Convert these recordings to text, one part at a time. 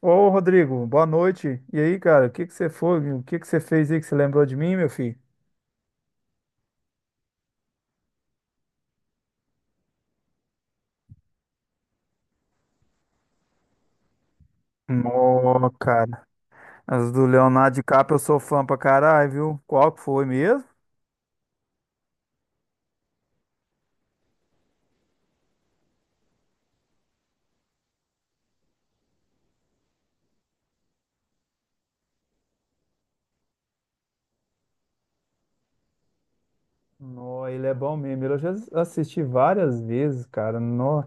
Ô, Rodrigo, boa noite. E aí, cara, o que que você foi? O que que você fez aí que você lembrou de mim, meu filho? Ô, cara, as do Leonardo DiCaprio eu sou fã pra caralho, viu? Qual que foi mesmo? Nó, ele é bom mesmo. Eu já assisti várias vezes, cara. Nó.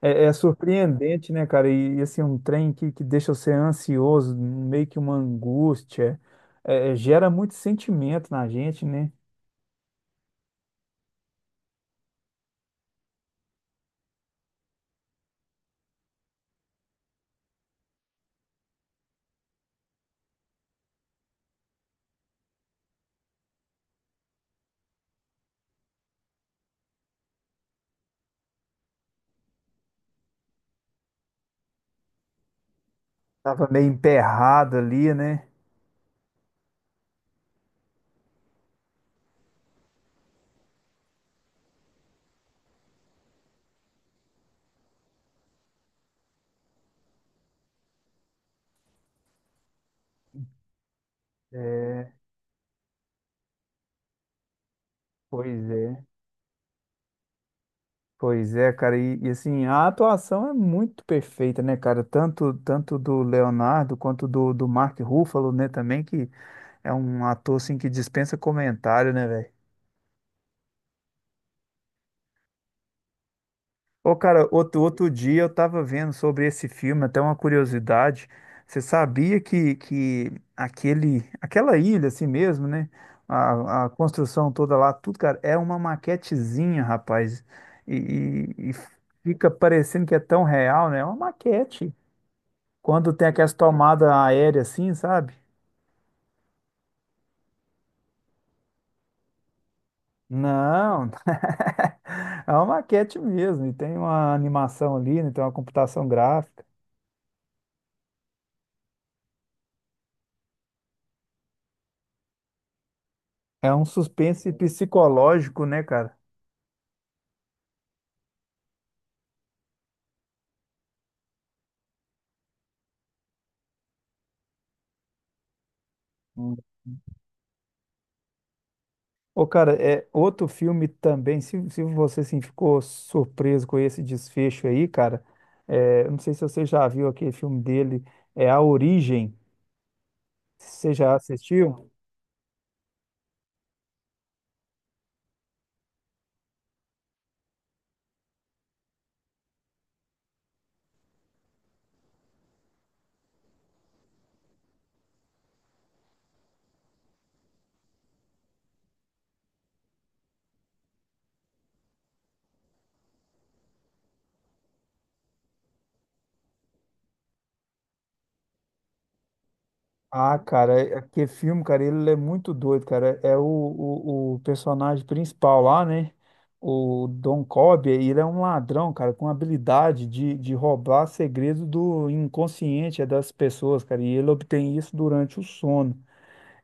É surpreendente, né, cara? Assim, um trem que deixa você ansioso, meio que uma angústia. Gera muito sentimento na gente, né? Tava meio emperrado ali, né? É, pois é. Pois é, cara, assim, a atuação é muito perfeita, né, cara? Tanto do Leonardo quanto do Mark Ruffalo, né, também, que é um ator, assim, que dispensa comentário, né, velho? Ô, cara, outro dia eu tava vendo sobre esse filme, até uma curiosidade. Você sabia que aquela ilha, assim mesmo, né? A construção toda lá, tudo, cara, é uma maquetezinha, rapaz. E, e, e fica parecendo que é tão real, né? É uma maquete. Quando tem aquelas tomadas aéreas assim, sabe? Não, é uma maquete mesmo, e tem uma animação ali, né? Tem uma computação gráfica. É um suspense psicológico, né, cara? Hum. Ô, cara, é outro filme também. Se você assim, ficou surpreso com esse desfecho aí, cara, é, eu não sei se você já viu aquele filme dele, é A Origem. Você já assistiu? Ah, cara, é- aquele filme, cara, ele é muito doido, cara. É o personagem principal lá, né? O Don Cobb, ele é um ladrão, cara, com habilidade de roubar segredos do inconsciente é das pessoas, cara. E ele obtém isso durante o sono.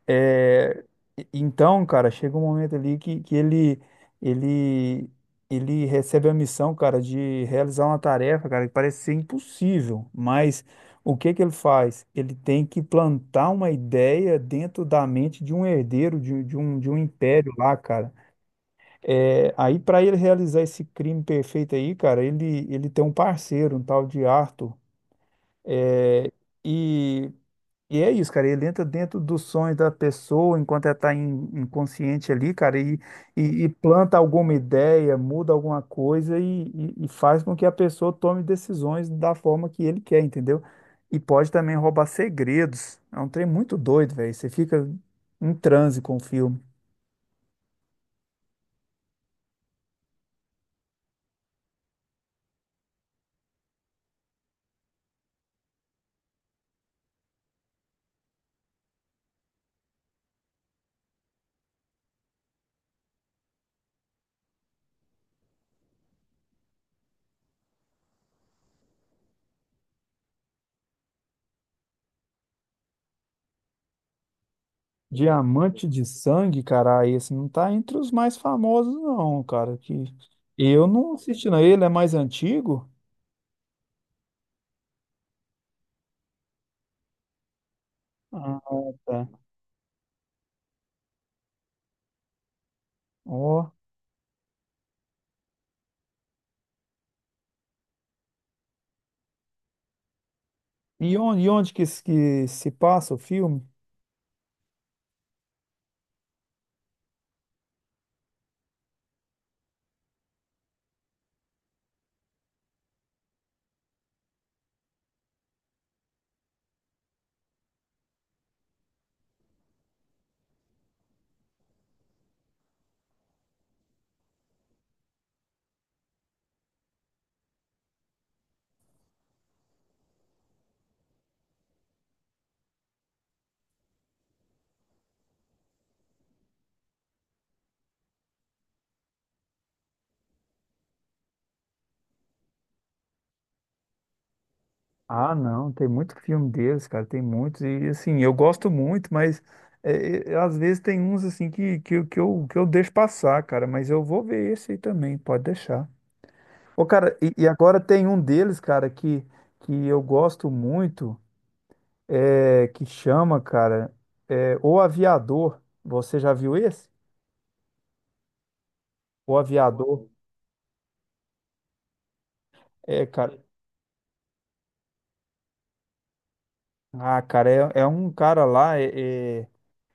É, e- então, cara, chega um momento ali que ele, ele recebe a missão, cara, de realizar uma tarefa, cara, que parece ser impossível, mas o que que ele faz? Ele tem que plantar uma ideia dentro da mente de um herdeiro, de um império lá, cara. É, aí, para ele realizar esse crime perfeito aí, cara, ele tem um parceiro, um tal de Arthur. É, e é isso, cara. Ele entra dentro dos sonhos da pessoa enquanto ela está inconsciente ali, cara, e planta alguma ideia, muda alguma coisa e faz com que a pessoa tome decisões da forma que ele quer, entendeu? E pode também roubar segredos. É um trem muito doido, velho. Você fica em transe com o filme. Diamante de Sangue, cara, ah, esse não tá entre os mais famosos, não, cara. Que eu não assisti, não. Ele é mais antigo? Ah, tá. Ó. E onde que se que se passa o filme? Ah, não, tem muito filme deles, cara, tem muitos. E assim, eu gosto muito, mas às vezes tem uns assim que eu deixo passar, cara, mas eu vou ver esse aí também, pode deixar. Ô, cara, agora tem um deles, cara, que eu gosto muito, é, que chama, cara, é, O Aviador. Você já viu esse? O Aviador. É, cara. Ah, cara, um cara lá, é, é-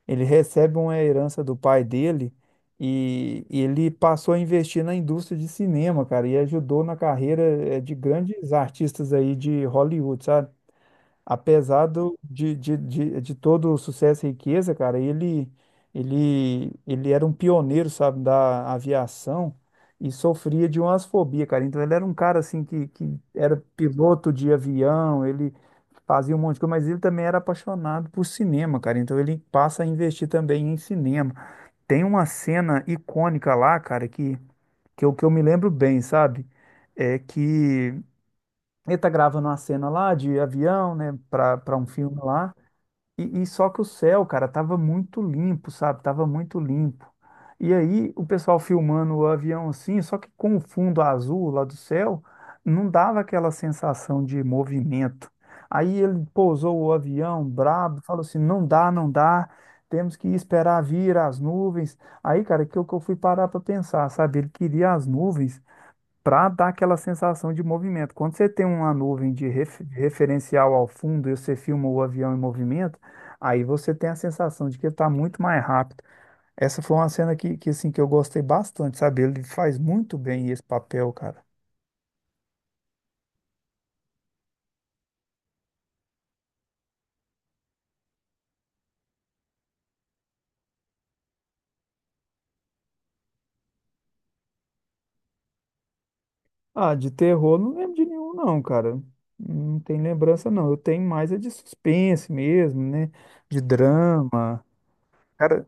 ele recebe uma herança do pai dele e ele passou a investir na indústria de cinema, cara, e ajudou na carreira eh, de grandes artistas aí de Hollywood, sabe? Apesar do, de todo o sucesso e riqueza, cara, ele era um pioneiro, sabe, da aviação e sofria de umas fobias, cara. Então ele era um cara assim que era piloto de avião, ele fazia um monte de coisa, mas ele também era apaixonado por cinema, cara. Então ele passa a investir também em cinema. Tem uma cena icônica lá, cara, que eu me lembro bem, sabe? É que ele tá gravando uma cena lá de avião, né, pra um filme lá. Só que o céu, cara, tava muito limpo, sabe? Tava muito limpo. E aí o pessoal filmando o avião assim, só que com o fundo azul lá do céu, não dava aquela sensação de movimento. Aí ele pousou o avião brabo, falou assim: não dá, não dá, temos que esperar vir as nuvens. Aí, cara, que eu fui parar para pensar, sabe? Ele queria as nuvens para dar aquela sensação de movimento. Quando você tem uma nuvem de referencial ao fundo e você filma o avião em movimento, aí você tem a sensação de que ele está muito mais rápido. Essa foi uma cena que eu gostei bastante, sabe? Ele faz muito bem esse papel, cara. Ah, de terror não lembro de nenhum, não, cara. Não tem lembrança, não. Eu tenho mais é de suspense mesmo, né? De drama. Cara,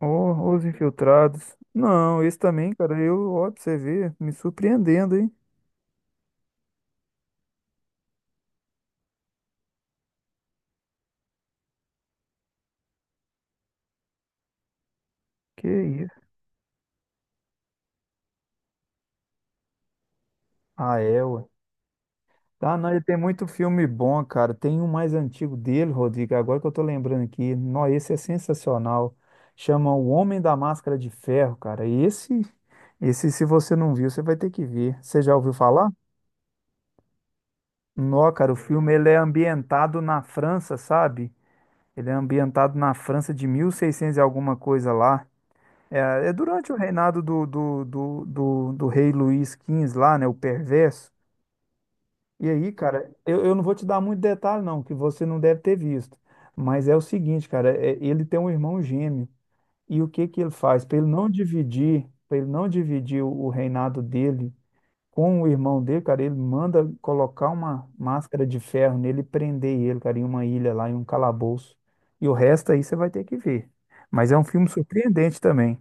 oh, Os Infiltrados. Não, esse também, cara, eu, ó, pra você ver, me surpreendendo, hein? Que ah, é, ué. Ah, não, ele tem muito filme bom, cara. Tem um mais antigo dele, Rodrigo, agora que eu tô lembrando aqui. Não, esse é sensacional. Chama O Homem da Máscara de Ferro, cara. Esse, se você não viu, você vai ter que ver. Você já ouviu falar? Não, cara, o filme ele é ambientado na França, sabe? Ele é ambientado na França de 1600 e seiscentos e alguma coisa lá. É, é durante o reinado do rei Luís Quinze lá, né? O perverso. E aí, cara, eu não vou te dar muito detalhe, não, que você não deve ter visto. Mas é o seguinte, cara, é- ele tem um irmão gêmeo. E o que que ele faz? Para ele não dividir, para ele não dividir o reinado dele com o irmão dele, cara, ele manda colocar uma máscara de ferro nele e prender ele, cara, em uma ilha lá, em um calabouço. E o resto aí você vai ter que ver. Mas é um filme surpreendente também.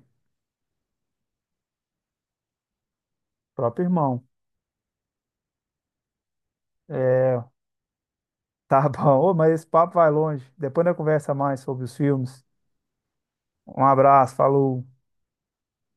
Próprio irmão. É, tá bom. Ô, mas esse papo vai longe. Depois nós conversa mais sobre os filmes. Um abraço, falou.